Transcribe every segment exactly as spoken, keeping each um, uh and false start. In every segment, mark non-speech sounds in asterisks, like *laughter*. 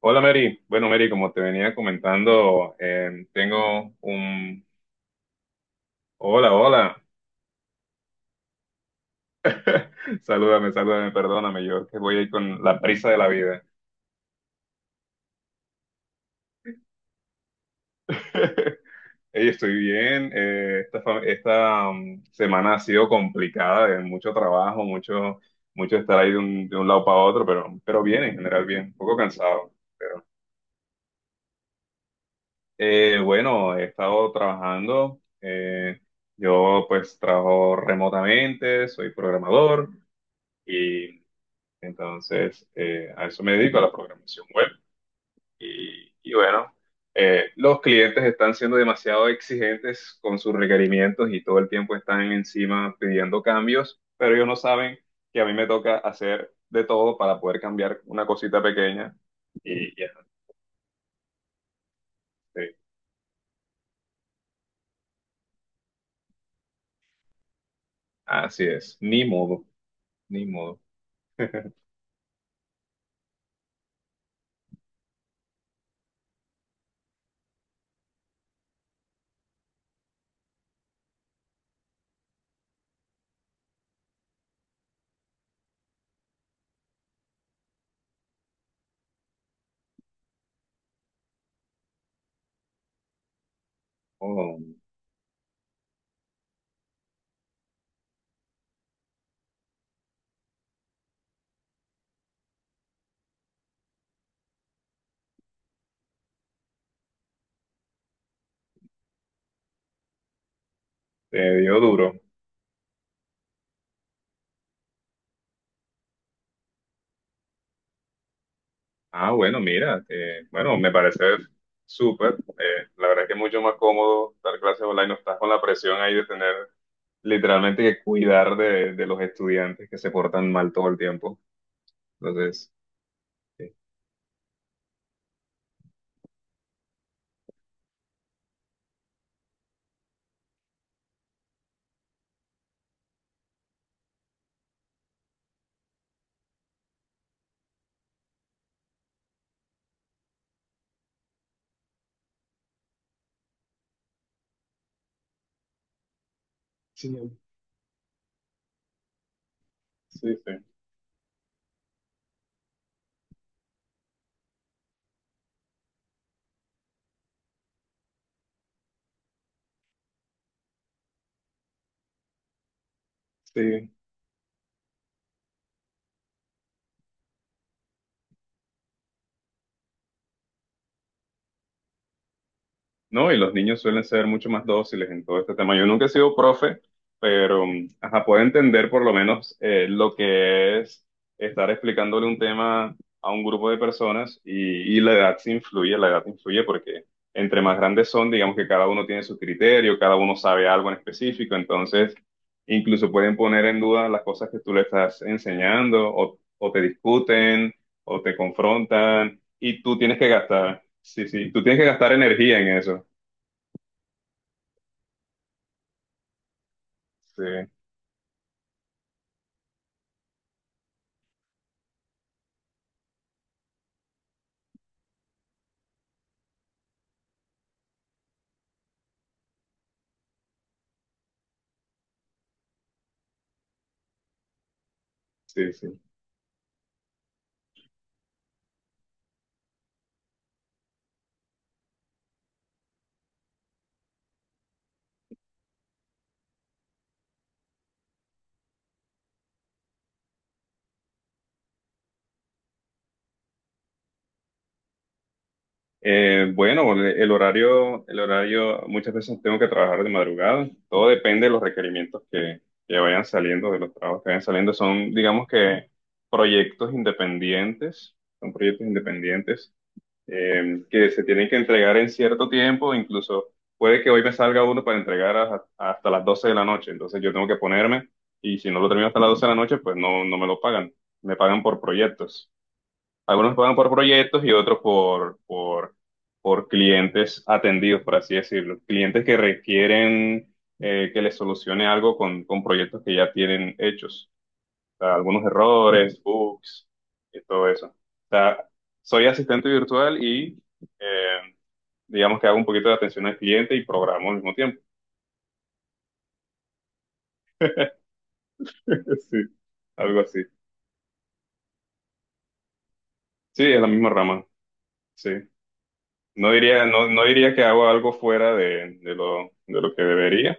Hola Mary, bueno Mary, como te venía comentando, em, tengo un... Hola, hola. *laughs* Salúdame, salúdame, perdóname, yo que voy ahí con la prisa de la vida. *laughs* Ey, estoy bien, eh, esta, fa- esta, um, semana ha sido complicada, de mucho trabajo, mucho, mucho estar ahí de un, de un lado para otro, pero, pero bien, en general bien, un poco cansado. Eh, bueno, he estado trabajando, eh, yo pues trabajo remotamente, soy programador. y Entonces, eh, a eso me dedico, a la programación web. Y, y bueno, eh, los clientes están siendo demasiado exigentes con sus requerimientos y todo el tiempo están encima pidiendo cambios, pero ellos no saben que a mí me toca hacer de todo para poder cambiar una cosita pequeña. Y, y así, así es, ni modo, ni modo. Oh, te dio duro. Ah, bueno, mira, eh, bueno, me parece súper. Eh, la verdad es que es mucho más cómodo dar clases online, no estás con la presión ahí de tener literalmente que cuidar de, de los estudiantes que se portan mal todo el tiempo. Entonces, sí, sí, sí, sí. No, y los niños suelen ser mucho más dóciles en todo este tema. Yo nunca he sido profe, pero mm, ajá, puedo entender por lo menos eh, lo que es estar explicándole un tema a un grupo de personas y, y la edad se influye, la edad influye porque entre más grandes son, digamos que cada uno tiene su criterio, cada uno sabe algo en específico, entonces incluso pueden poner en duda las cosas que tú le estás enseñando o, o te discuten o te confrontan y tú tienes que gastar, sí, sí, tú tienes que gastar energía en eso. Sí, sí, sí. Eh, bueno, el el horario, el horario, muchas veces tengo que trabajar de madrugada. Todo depende de los requerimientos que, que vayan saliendo, de los trabajos que vayan saliendo. Son, digamos que, proyectos independientes, son proyectos independientes eh, que se tienen que entregar en cierto tiempo. Incluso puede que hoy me salga uno para entregar a- hasta las doce de la noche. Entonces yo tengo que ponerme y si no lo termino hasta las doce de la noche, pues no, no me lo pagan. Me pagan por proyectos. Algunos pagan por proyectos y otros por, por, por clientes atendidos, por así decirlo. Clientes que requieren eh, que les solucione algo con, con proyectos que ya tienen hechos. O sea, algunos errores, bugs y todo eso. O sea, soy asistente virtual y eh, digamos que hago un poquito de atención al cliente y programo al mismo tiempo. *laughs* Sí, algo así. Sí, es la misma rama. Sí. No diría, no, no diría que hago algo fuera de, de lo, de lo que debería.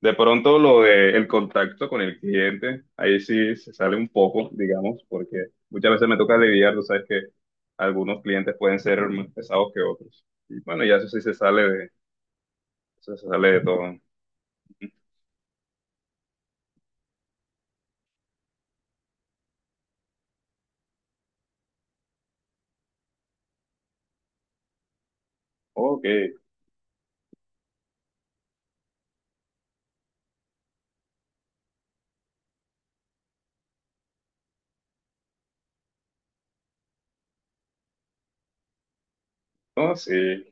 De pronto lo de el contacto con el cliente, ahí sí se sale un poco, digamos, porque muchas veces me toca lidiar, tú sabes que algunos clientes pueden ser más pesados que otros. Y bueno, ya eso sí se sale de, eso se sale de todo. Ok, no, sí.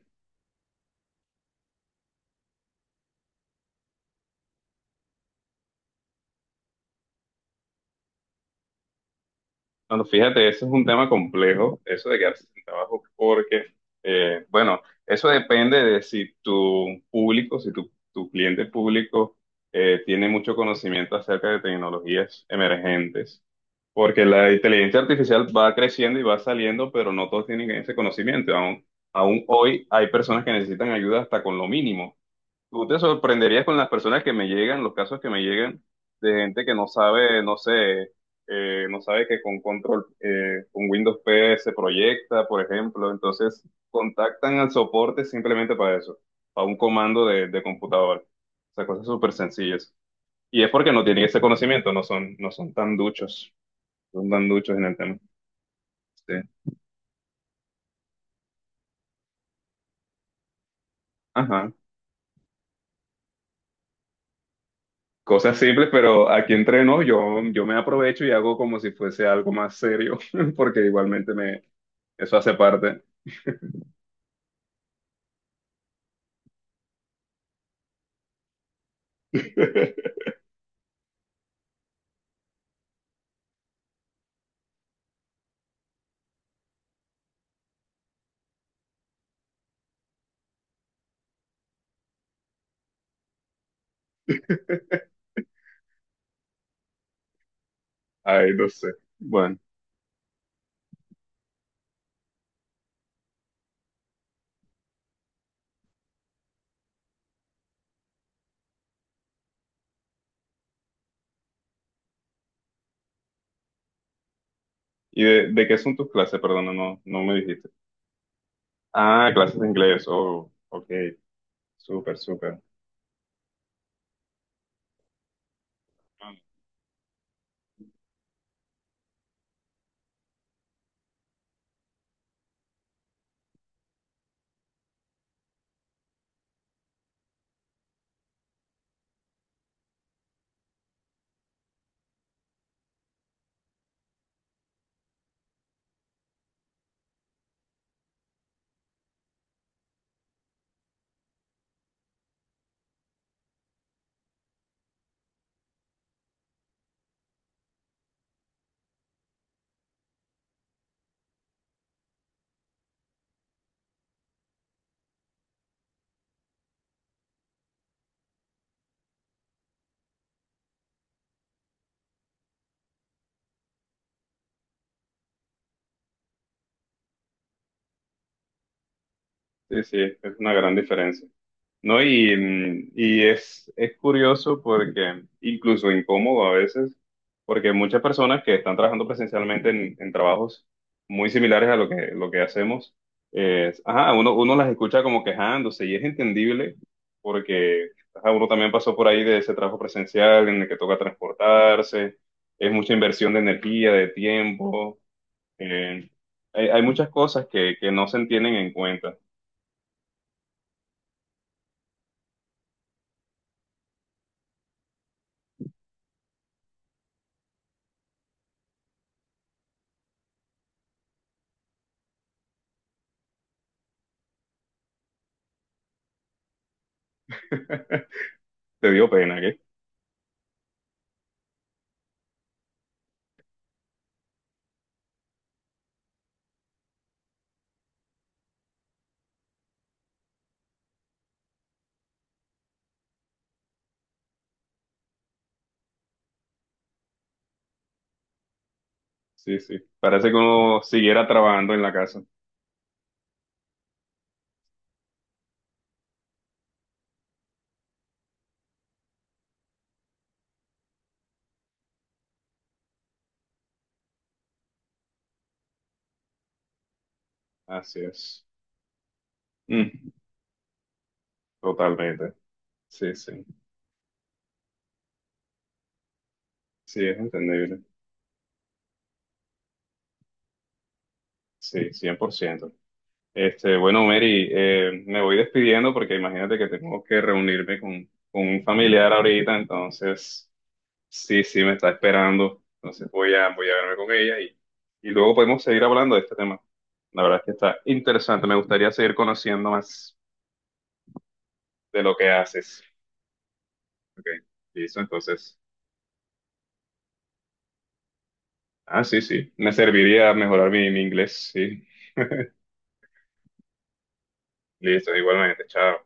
Bueno, fíjate, ese es un tema complejo, eso de quedarse sin trabajo, porque, eh, bueno, eso depende de si tu público, si tu, tu cliente público eh, tiene mucho conocimiento acerca de tecnologías emergentes, porque la inteligencia artificial va creciendo y va saliendo, pero no todos tienen ese conocimiento. Aún, aún hoy hay personas que necesitan ayuda hasta con lo mínimo. Tú te sorprenderías con las personas que me llegan, los casos que me llegan de gente que no sabe, no sé, eh, no sabe que con control, eh, con Windows P se proyecta, por ejemplo. Entonces contactan al soporte simplemente para eso, para un comando de, de computadora. O sea, cosas súper sencillas. Y es porque no tienen ese conocimiento, no son, no son tan duchos, no son tan duchos en el tema. Sí. Ajá. Cosas simples, pero aquí entreno, yo, yo me aprovecho y hago como si fuese algo más serio, *laughs* porque igualmente me, eso hace parte. *laughs* Ay, no sé. Bueno, ¿y de, de qué son tus clases? Perdona, no, no me dijiste. Ah, clases de inglés. Oh, ok. Súper, súper. Sí, sí, es una gran diferencia. ¿No? Y, mm, y es, es curioso porque, incluso incómodo a veces, porque muchas personas que están trabajando presencialmente en, en trabajos muy similares a lo que, lo que hacemos, es, ajá, uno, uno las escucha como quejándose y es entendible porque ajá, uno también pasó por ahí de ese trabajo presencial en el que toca transportarse, es mucha inversión de energía, de tiempo, eh, hay, hay muchas cosas que, que no se tienen en cuenta. *laughs* Te dio pena. Sí, sí. Parece que uno siguiera trabajando en la casa. Así es. Mm, totalmente. Sí, sí. Sí, es entendible. Sí, cien por ciento. Este, bueno, Mary, eh, me voy despidiendo porque imagínate que tengo que reunirme con, con un familiar ahorita, entonces sí, sí, me está esperando. Entonces voy a, voy a verme con ella y, y luego podemos seguir hablando de este tema. La verdad es que está interesante. Me gustaría seguir conociendo más de lo que haces. Ok, listo, entonces. Ah, sí, sí. Me serviría mejorar mi, mi inglés, sí. Listo, igualmente, chao.